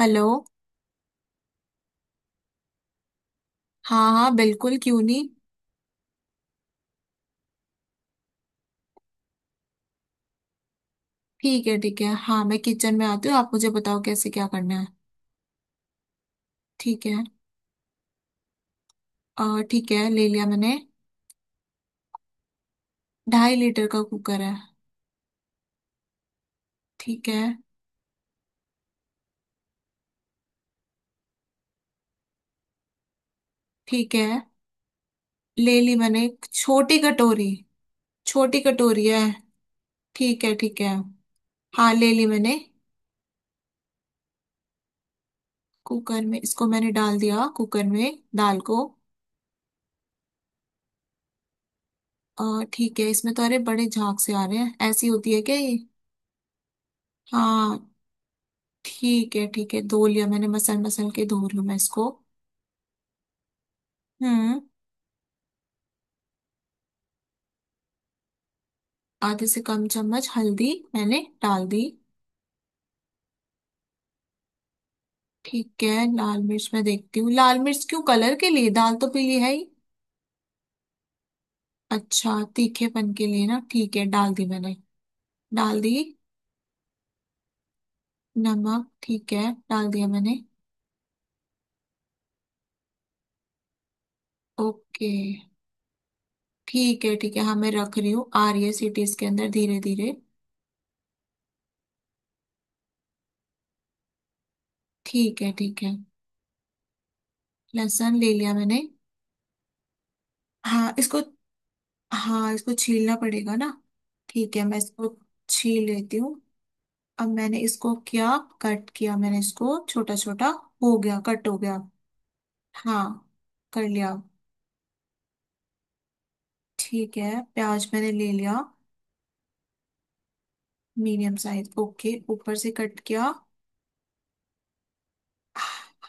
Hello. हाँ हाँ बिल्कुल क्यों नहीं। ठीक है ठीक है हाँ मैं किचन में आती हूँ आप मुझे बताओ कैसे क्या करना है। ठीक है और ठीक है ले लिया मैंने। ढाई लीटर का कुकर है। ठीक है ठीक है ले ली मैंने एक छोटी कटोरी। छोटी कटोरी है। ठीक है ठीक है हाँ ले ली मैंने। कुकर में इसको मैंने डाल दिया कुकर में दाल को। और ठीक है इसमें तो अरे बड़े झाग से आ रहे हैं ऐसी होती है क्या ये। हाँ ठीक है धो लिया मैंने मसल मसल के धो लूँ मैं इसको। हम्म। आधे से कम चम्मच हल्दी मैंने डाल दी। ठीक है लाल मिर्च मैं देखती हूँ लाल मिर्च क्यों कलर के लिए दाल तो पीली है ही। अच्छा तीखेपन के लिए ना ठीक है डाल दी मैंने। डाल दी। नमक ठीक है डाल दिया मैंने। ओके। ठीक है हाँ मैं रख रही हूँ आ रही है सीटी इसके अंदर धीरे धीरे। ठीक है ठीक है। लहसुन ले लिया मैंने। हाँ इसको। हाँ इसको छीलना पड़ेगा ना। ठीक है मैं इसको छील लेती हूँ। अब मैंने इसको किया। कट किया मैंने इसको छोटा छोटा। हो गया कट हो गया। हाँ कर लिया। ठीक है प्याज मैंने ले लिया। मीडियम साइज ओके ऊपर से कट किया।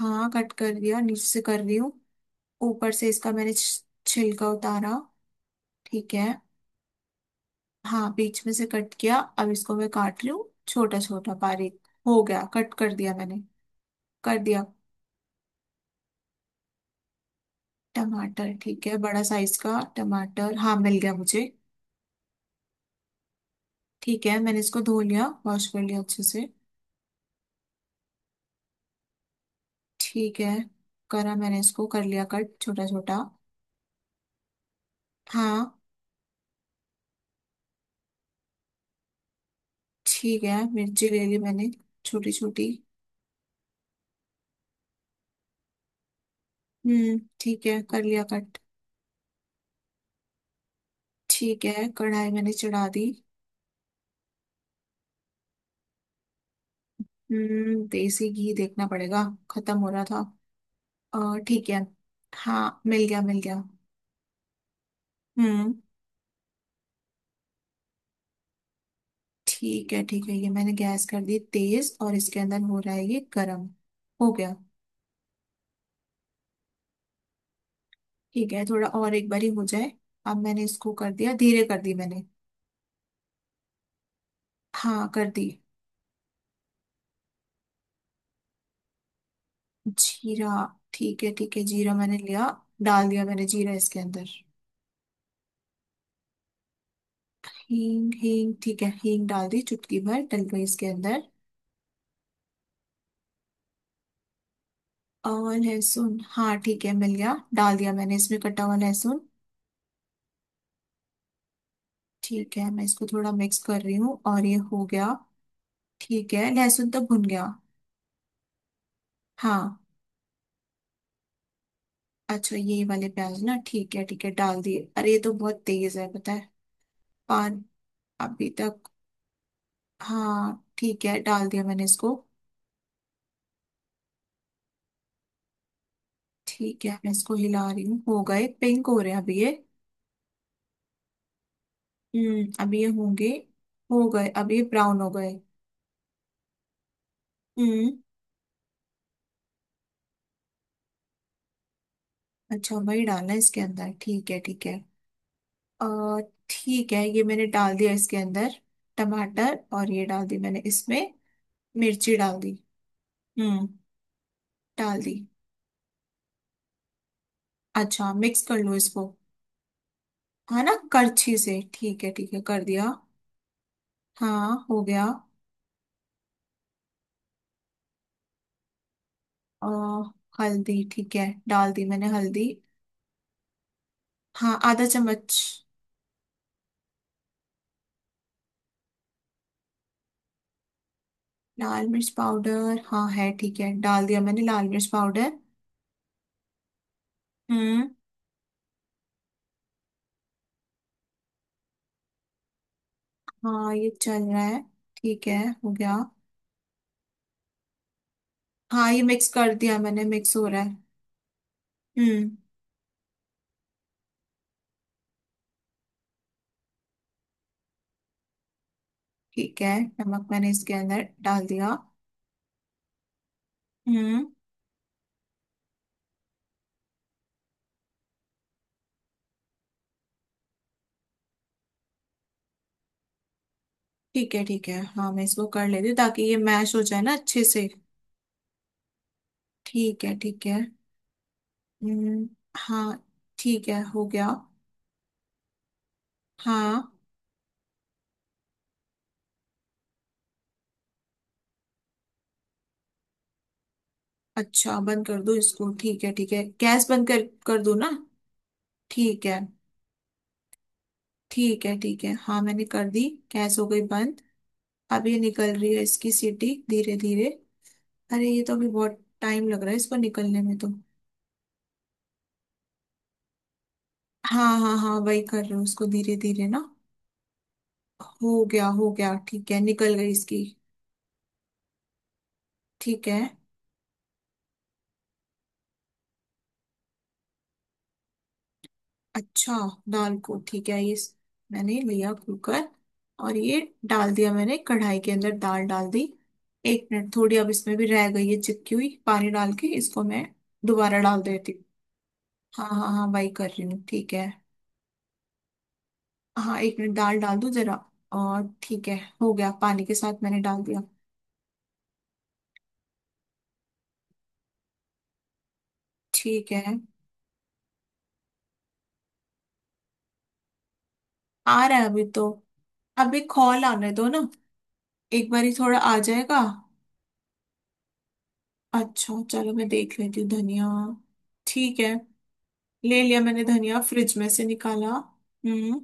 हाँ कट कर दिया नीचे से कर रही हूँ। ऊपर से इसका मैंने छिलका उतारा। ठीक है। हाँ बीच में से कट किया अब इसको मैं काट रही हूँ छोटा छोटा बारीक। हो गया कट कर दिया मैंने। कर दिया। टमाटर ठीक है बड़ा साइज का टमाटर हाँ मिल गया मुझे। ठीक है मैंने इसको धो लिया वॉश कर लिया अच्छे से। ठीक है करा मैंने इसको कर लिया कट छोटा छोटा। हाँ। ठीक है मिर्ची ले ली मैंने। छोटी छोटी। ठीक है कर लिया कट। ठीक है कढ़ाई मैंने चढ़ा दी। देसी घी देखना पड़ेगा। खत्म हो रहा था। ठीक है। हाँ मिल गया मिल गया। हम्म। ठीक है ये मैंने गैस कर दी तेज और इसके अंदर हो रहा है ये गरम। हो गया। ठीक है थोड़ा और एक बारी हो जाए। अब मैंने इसको कर दिया धीरे कर दी मैंने। हाँ कर दी। जीरा ठीक है जीरा मैंने लिया। डाल दिया मैंने जीरा इसके अंदर। हींग हींग ठीक है हींग डाल दी चुटकी भर डल गई इसके अंदर। और लहसुन हाँ ठीक है मिल गया डाल दिया मैंने इसमें कटा हुआ लहसुन। ठीक है मैं इसको थोड़ा मिक्स कर रही हूँ और ये हो गया। ठीक है लहसुन तो भुन गया। हाँ। अच्छा ये वाले प्याज ना ठीक है डाल दिए अरे ये तो बहुत तेज है पता है। पान। अभी तक। हाँ ठीक है डाल दिया मैंने इसको। ठीक है मैं इसको हिला रही हूँ हो गए पिंक हो रहे हैं अभी ये। अभी ये होंगे। हो गए अब ये ब्राउन हो गए। हम्म। अच्छा वही डालना है इसके अंदर ठीक है ठीक है। अ ठीक है ये मैंने डाल दिया इसके अंदर। टमाटर और ये डाल दी मैंने इसमें। मिर्ची डाल दी। हम्म। डाल दी। अच्छा मिक्स कर लो इसको है ना करछी से ठीक है कर दिया। हाँ हो गया। अ, हल्दी ठीक है डाल दी मैंने हल्दी। हाँ आधा चम्मच। लाल मिर्च पाउडर हाँ है ठीक है डाल दिया मैंने लाल मिर्च पाउडर। हम्म। हाँ ये चल रहा है। ठीक है। हो गया। हाँ ये मिक्स कर दिया मैंने मिक्स हो रहा है। हम्म। ठीक है नमक मैंने इसके अंदर डाल दिया। हम्म। ठीक है हाँ मैं इसको कर लेती हूँ ताकि ये मैश हो जाए ना अच्छे से। ठीक है ठीक है। हम्म। हाँ। ठीक है हो गया। हाँ। अच्छा बंद कर दो इसको ठीक है गैस बंद कर कर दो ना। ठीक है। ठीक है ठीक है हाँ मैंने कर दी। गैस हो गई बंद। अब ये निकल रही है इसकी सीटी धीरे धीरे। अरे ये तो अभी बहुत टाइम लग रहा है इसको निकलने में तो। हाँ हाँ हाँ वही कर रही हूँ उसको धीरे धीरे ना। हो गया ठीक है निकल गई इसकी। ठीक है। अच्छा दाल को ठीक है ये मैंने लिया कुकर। और ये डाल दिया मैंने कढ़ाई के अंदर दाल डाल दी। एक मिनट थोड़ी अब इसमें भी रह गई है चिपकी हुई पानी डाल के इसको मैं दोबारा डाल देती हूँ। हाँ हाँ हाँ वही कर रही हूँ ठीक है। हाँ एक मिनट दाल डाल दूं जरा। और ठीक है हो गया पानी के साथ मैंने डाल दिया। ठीक है। आ रहा है अभी तो। अभी खोल आने दो ना एक बारी थोड़ा आ जाएगा। अच्छा चलो मैं देख लेती हूँ धनिया। ठीक है। ले लिया मैंने धनिया फ्रिज में से निकाला। हम्म।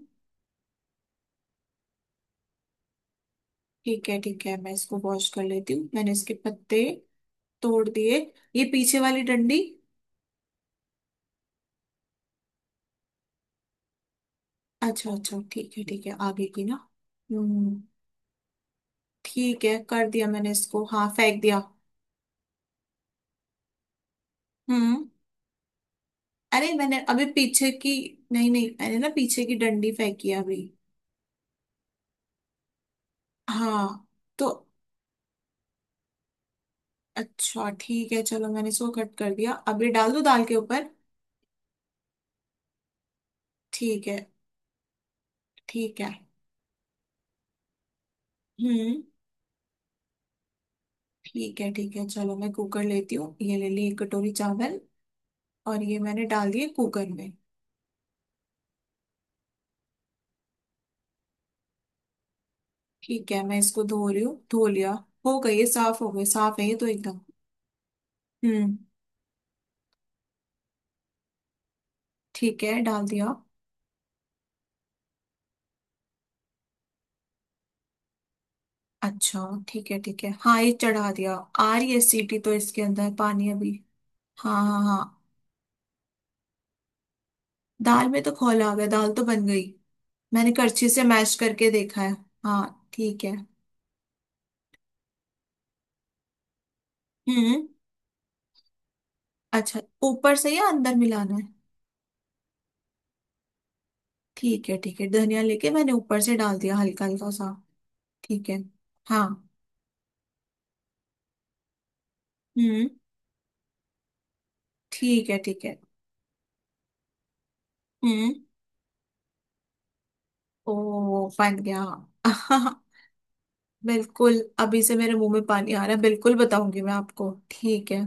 ठीक है मैं इसको वॉश कर लेती हूँ मैंने इसके पत्ते तोड़ दिए। ये पीछे वाली डंडी। अच्छा अच्छा ठीक है आगे की ना। हम्म। ठीक है कर दिया मैंने इसको हाँ फेंक दिया। हम्म। अरे मैंने अभी पीछे की नहीं नहीं मैंने ना पीछे की डंडी फेंकी है अभी। हाँ। तो अच्छा ठीक है चलो मैंने इसको कट कर दिया अब ये डाल दो दाल के ऊपर। ठीक है। ठीक है। हम्म। ठीक है चलो मैं कुकर लेती हूँ ये ले ली एक कटोरी चावल। और ये मैंने डाल दिए कुकर में। ठीक है मैं इसको धो रही हूँ धो लिया। हो गई ये साफ हो गई साफ है ये तो एकदम। हम्म। ठीक है डाल दिया। अच्छा ठीक है हाँ ये चढ़ा दिया। आ रही है सीटी तो इसके अंदर पानी अभी। हाँ हाँ हाँ। दाल में तो खोल आ गया दाल तो बन गई। मैंने करछी से मैश करके देखा है। हाँ ठीक है। हम्म। अच्छा ऊपर से या अंदर मिलाना है। ठीक है ठीक है धनिया लेके मैंने ऊपर से डाल दिया हल्का हल्का सा। ठीक है। हाँ। हम्म। ठीक है ठीक है। हम्म। ओ बन गया। बिल्कुल अभी से मेरे मुंह में पानी आ रहा है बिल्कुल बताऊंगी मैं आपको ठीक है।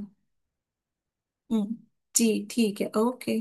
हम्म। जी ठीक है ओके।